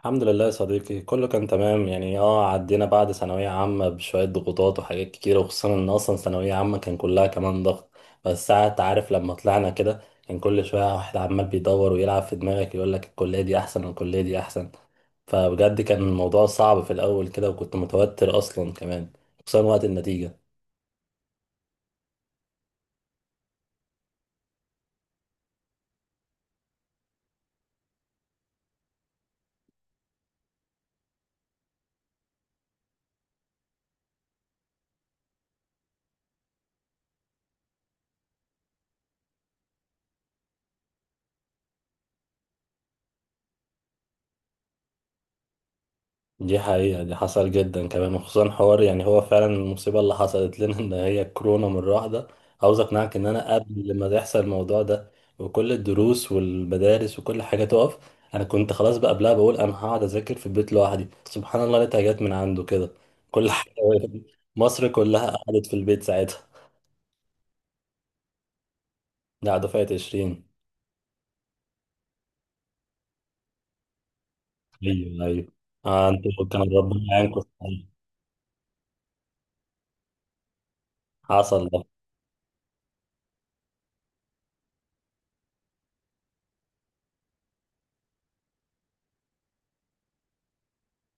الحمد لله يا صديقي، كله كان تمام يعني. اه عدينا بعد ثانوية عامة بشوية ضغوطات وحاجات كتيرة، وخصوصا ان اصلا ثانوية عامة كان كلها كمان ضغط. بس ساعات عارف، لما طلعنا كده كان كل شوية واحد عمال بيدور ويلعب في دماغك يقول لك الكلية دي احسن والكلية دي احسن. فبجد كان الموضوع صعب في الاول كده، وكنت متوتر اصلا كمان، خصوصا وقت النتيجة. دي حقيقة، دي حصل جدا كمان، وخصوصا حوار يعني هو فعلا المصيبة اللي حصلت لنا ان هي كورونا مرة واحدة. عاوز اقنعك ان انا قبل ما يحصل الموضوع ده وكل الدروس والمدارس وكل حاجة تقف، انا كنت خلاص بقى قبلها بقول انا هقعد اذاكر في البيت لوحدي. سبحان الله لقيتها جت من عنده كده. كل حاجة وقفت. مصر كلها قعدت في البيت ساعتها. ده دفعة 20. ايوه، ايوه. آه، انتوا كان ربنا يعينكم. حصل.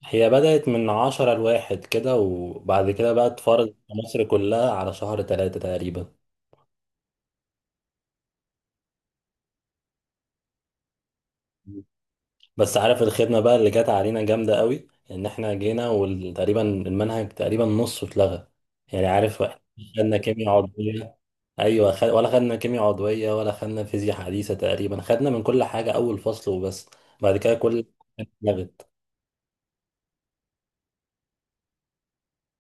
هي بدأت من عشرة لواحد كده، وبعد كده بقى اتفرضت في مصر كلها على شهر 3 تقريبا. بس عارف الخدمة بقى اللي جت علينا جامدة قوي ان احنا جينا وتقريبا المنهج تقريبا نصه اتلغى. يعني عارف، احنا خدنا كيمياء عضوية. ايوه، ولا خدنا كيمياء عضوية، ولا خدنا فيزياء حديثة. تقريبا خدنا من كل حاجة اول فصل وبس. بعد كده كل حاجة اتلغت.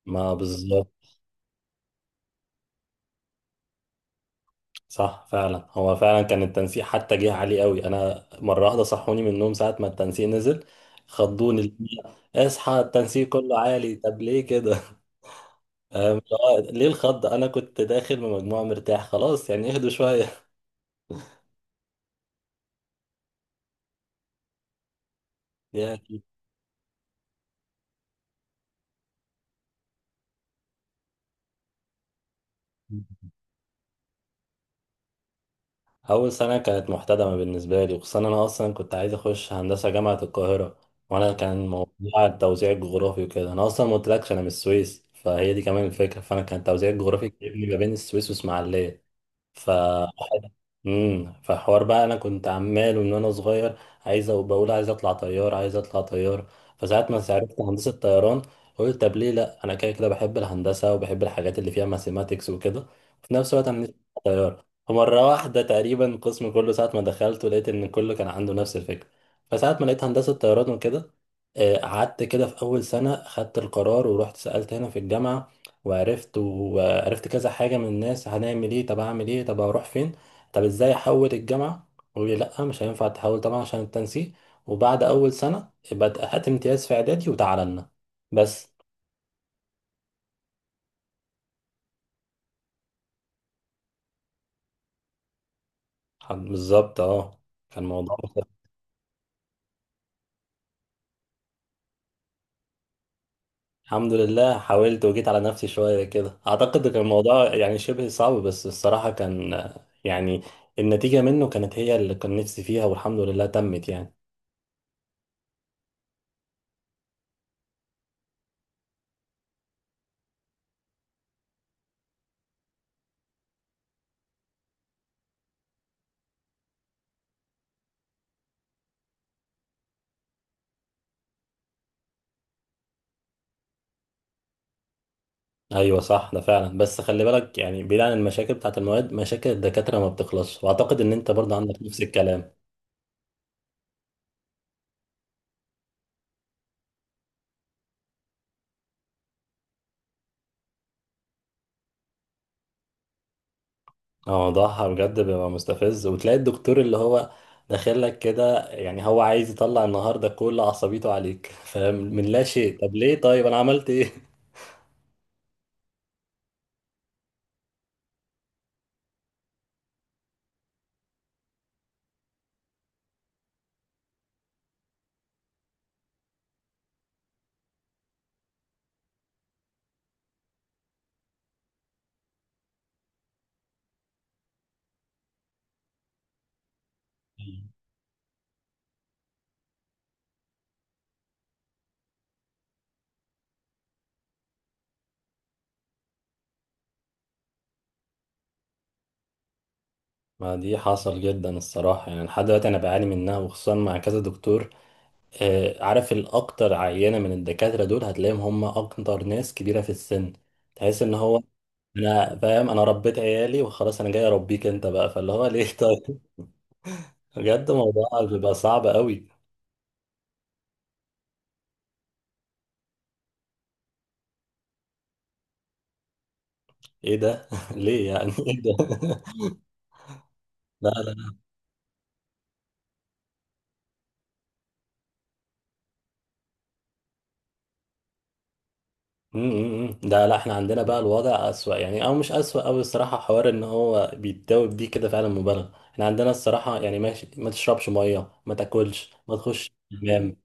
ما بالظبط. صح، فعلا هو فعلا كان التنسيق حتى جه عالي قوي. انا مره واحده صحوني من النوم ساعه ما التنسيق نزل. خضوني اللي هي اصحى التنسيق كله عالي. طب ليه كده؟ لا، ليه الخض؟ انا كنت داخل بمجموعه مرتاح خلاص يعني، اهدوا شويه. يعني اول سنه كانت محتدمه بالنسبه لي، وخصوصا انا اصلا كنت عايز اخش هندسه جامعه القاهره، وانا كان موضوع التوزيع الجغرافي وكده. انا اصلا ما قلتلكش انا من السويس، فهي دي كمان الفكره، فانا كان التوزيع الجغرافي جايبني ما بين السويس واسماعيليه. ف فحوار بقى، انا كنت عمال من وانا صغير عايز أبقى بقول عايز اطلع طيار، عايز اطلع طيار. فساعات ما عرفت هندسه طيران قلت طب ليه لا، انا كده كده بحب الهندسه وبحب الحاجات اللي فيها ماثيماتكس وكده، وفي نفس الوقت انا نفسي أطلع طيار. فمره واحده تقريبا القسم كله ساعه ما دخلت ولقيت ان كله كان عنده نفس الفكره. فساعه ما لقيت هندسه طيران وكده، قعدت كده في اول سنه خدت القرار ورحت سالت هنا في الجامعه. وعرفت وعرفت كذا حاجه من الناس: هنعمل ايه؟ طب اعمل ايه؟ طب اروح فين؟ طب ازاي احول الجامعه؟ قالوا لي لا، مش هينفع تحول طبعا عشان التنسيق. وبعد اول سنه يبقى هات امتياز في اعدادي وتعالى لنا. بس بالظبط، اه، كان الموضوع. الحمد لله، حاولت وجيت على نفسي شويه كده. اعتقد كان الموضوع يعني شبه صعب، بس الصراحه كان يعني النتيجه منه كانت هي اللي كان نفسي فيها، والحمد لله تمت يعني. ايوه، صح، ده فعلا. بس خلي بالك يعني، بعيد عن المشاكل بتاعت المواد، مشاكل الدكاتره ما بتخلصش، واعتقد ان انت برضه عندك نفس الكلام. موضوعها بجد بيبقى مستفز، وتلاقي الدكتور اللي هو داخل لك كده، يعني هو عايز يطلع النهارده كل عصبيته عليك فاهم، من لا شيء. طب ليه؟ طيب انا عملت ايه؟ ما دي حصل جدا الصراحة، يعني لحد دلوقتي أنا بعاني منها، وخصوصا مع كذا دكتور. عارف، الأكتر عينة من الدكاترة دول هتلاقيهم هم أكتر ناس كبيرة في السن. تحس إن هو أنا فاهم، أنا ربيت عيالي وخلاص، أنا جاي أربيك أنت بقى، فاللي هو ليه؟ طيب. بجد موضوع بيبقى صعب قوي. ايه ده؟ ليه يعني؟ ايه ده؟ لا، لا، لا. م- م- م. ده لا، احنا عندنا بقى الوضع اسوأ، يعني او مش اسوأ او الصراحة حوار ان هو بيتداوب دي كده فعلا مبالغة. احنا عندنا الصراحة يعني ماشي، ما تشربش مية، ما تاكلش، ما تخش حمام.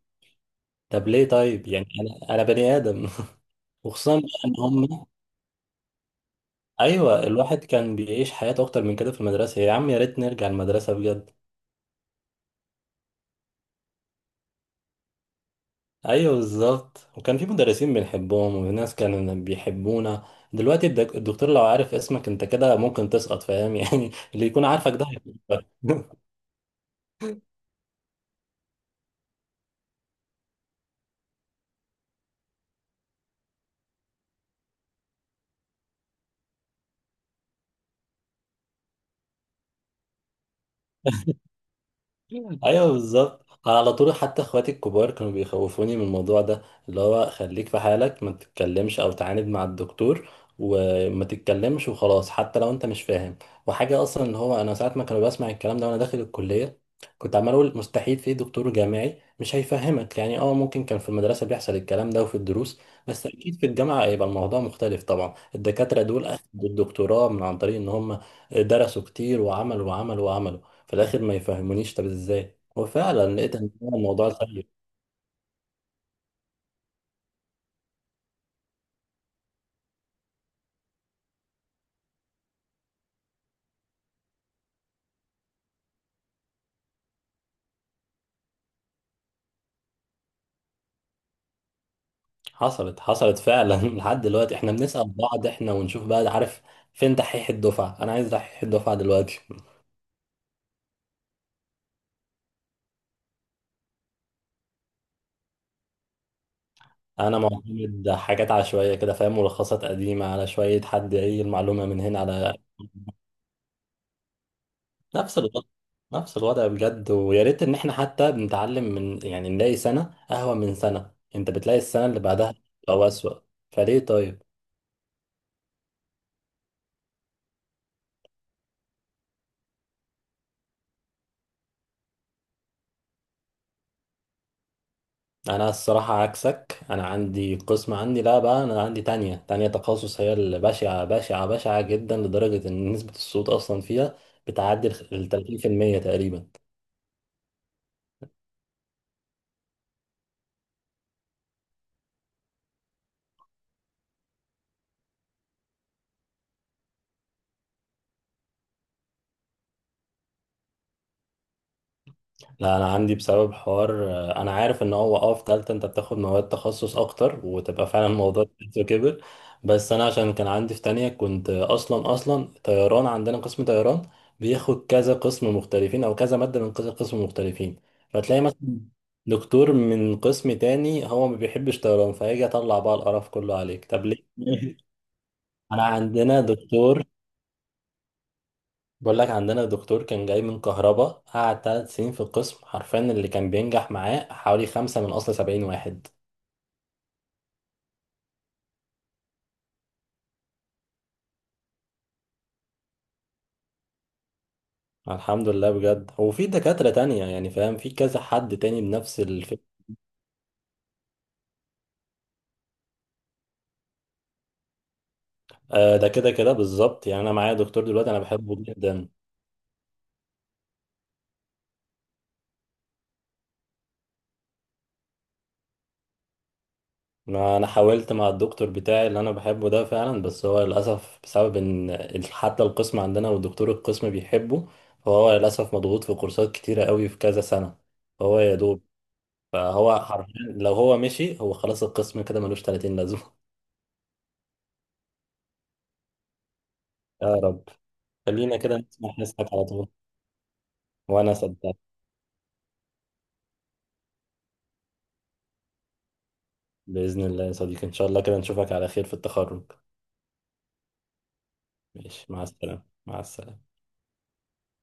طب ليه؟ طيب يعني، انا بني ادم. وخصوصا بقى ان هم ايوه الواحد كان بيعيش حياته اكتر من كده في المدرسة يا عم. يا ريت نرجع المدرسة بجد. ايوه، بالظبط، وكان في مدرسين بنحبهم، وفي ناس كانوا بيحبونا. دلوقتي الدكتور لو عارف اسمك انت كده ممكن تسقط، فاهم يعني اللي يكون عارفك ده هيحبك. ايوه، بالظبط. انا على طول حتى اخواتي الكبار كانوا بيخوفوني من الموضوع ده، اللي هو خليك في حالك، ما تتكلمش او تعاند مع الدكتور، وما تتكلمش وخلاص حتى لو انت مش فاهم. وحاجه اصلا اللي هو انا ساعات ما كانوا بسمع الكلام ده وانا داخل الكليه كنت عمال اقول مستحيل في دكتور جامعي مش هيفهمك. يعني ممكن كان في المدرسه بيحصل الكلام ده وفي الدروس، بس اكيد في الجامعه هيبقى الموضوع مختلف. طبعا الدكاتره دول اخدوا الدكتوراه من عن طريق ان هم درسوا كتير وعملوا وعملوا وعملوا. في الاخر ما يفهمونيش؟ طب ازاي؟ وفعلا لقيت ان هو الموضوع سيء. حصلت، حصلت فعلا لحد دلوقتي احنا بنسأل بعض، احنا ونشوف بقى، عارف، فين دحيح الدفعة؟ انا عايز دحيح الدفعة دلوقتي. انا معتمد حاجات عشوائية كده، فاهم، ملخصات قديمة على شوية، حد ايه المعلومة من هنا على نفس الوضع. نفس الوضع بجد. ويا ريت ان احنا حتى بنتعلم من يعني نلاقي سنة اهون من سنة. انت بتلاقي السنة اللي بعدها او اسوأ. فليه طيب؟ انا الصراحه عكسك. انا عندي قسم، عندي لا بقى، انا عندي تانية تخصص هي اللي بشعه بشعه بشعه جدا، لدرجه ان نسبه الصوت اصلا فيها بتعدي ال 30% تقريبا. لا انا عندي بسبب حوار، انا عارف ان هو في تالتة انت بتاخد مواد تخصص اكتر، وتبقى فعلا الموضوع كبير كبر. بس انا عشان كان عندي في تانية كنت اصلا طيران. عندنا قسم طيران بياخد كذا قسم مختلفين، او كذا مادة من كذا قسم مختلفين. فتلاقي مثلا دكتور من قسم تاني هو ما بيحبش طيران، فهيجي يطلع بقى القرف كله عليك. طب ليه؟ انا عندنا دكتور، بقول لك عندنا دكتور كان جاي من كهربا، قعد 3 سنين في القسم، حرفيا اللي كان بينجح معاه حوالي خمسة من أصل 70 واحد. الحمد لله بجد. وفي دكاترة تانية، يعني فاهم، في كذا حد تاني بنفس الفكرة. آه، ده كده كده بالظبط. يعني أنا معايا دكتور دلوقتي أنا بحبه جدا. ما أنا حاولت مع الدكتور بتاعي اللي أنا بحبه ده فعلا، بس هو للأسف بسبب إن حتى القسم عندنا ودكتور القسم بيحبه، فهو للأسف مضغوط في كورسات كتيرة قوي في كذا سنة. فهو يا دوب. فهو حرفيا لو هو مشي، هو خلاص القسم كده ملوش 30 لازمة يا رب. خلينا كده نسمع حسك على طول. وأنا صدقت. بإذن الله يا صديقي، إن شاء الله كده نشوفك على خير في التخرج. ماشي، مع السلامة، مع السلامة.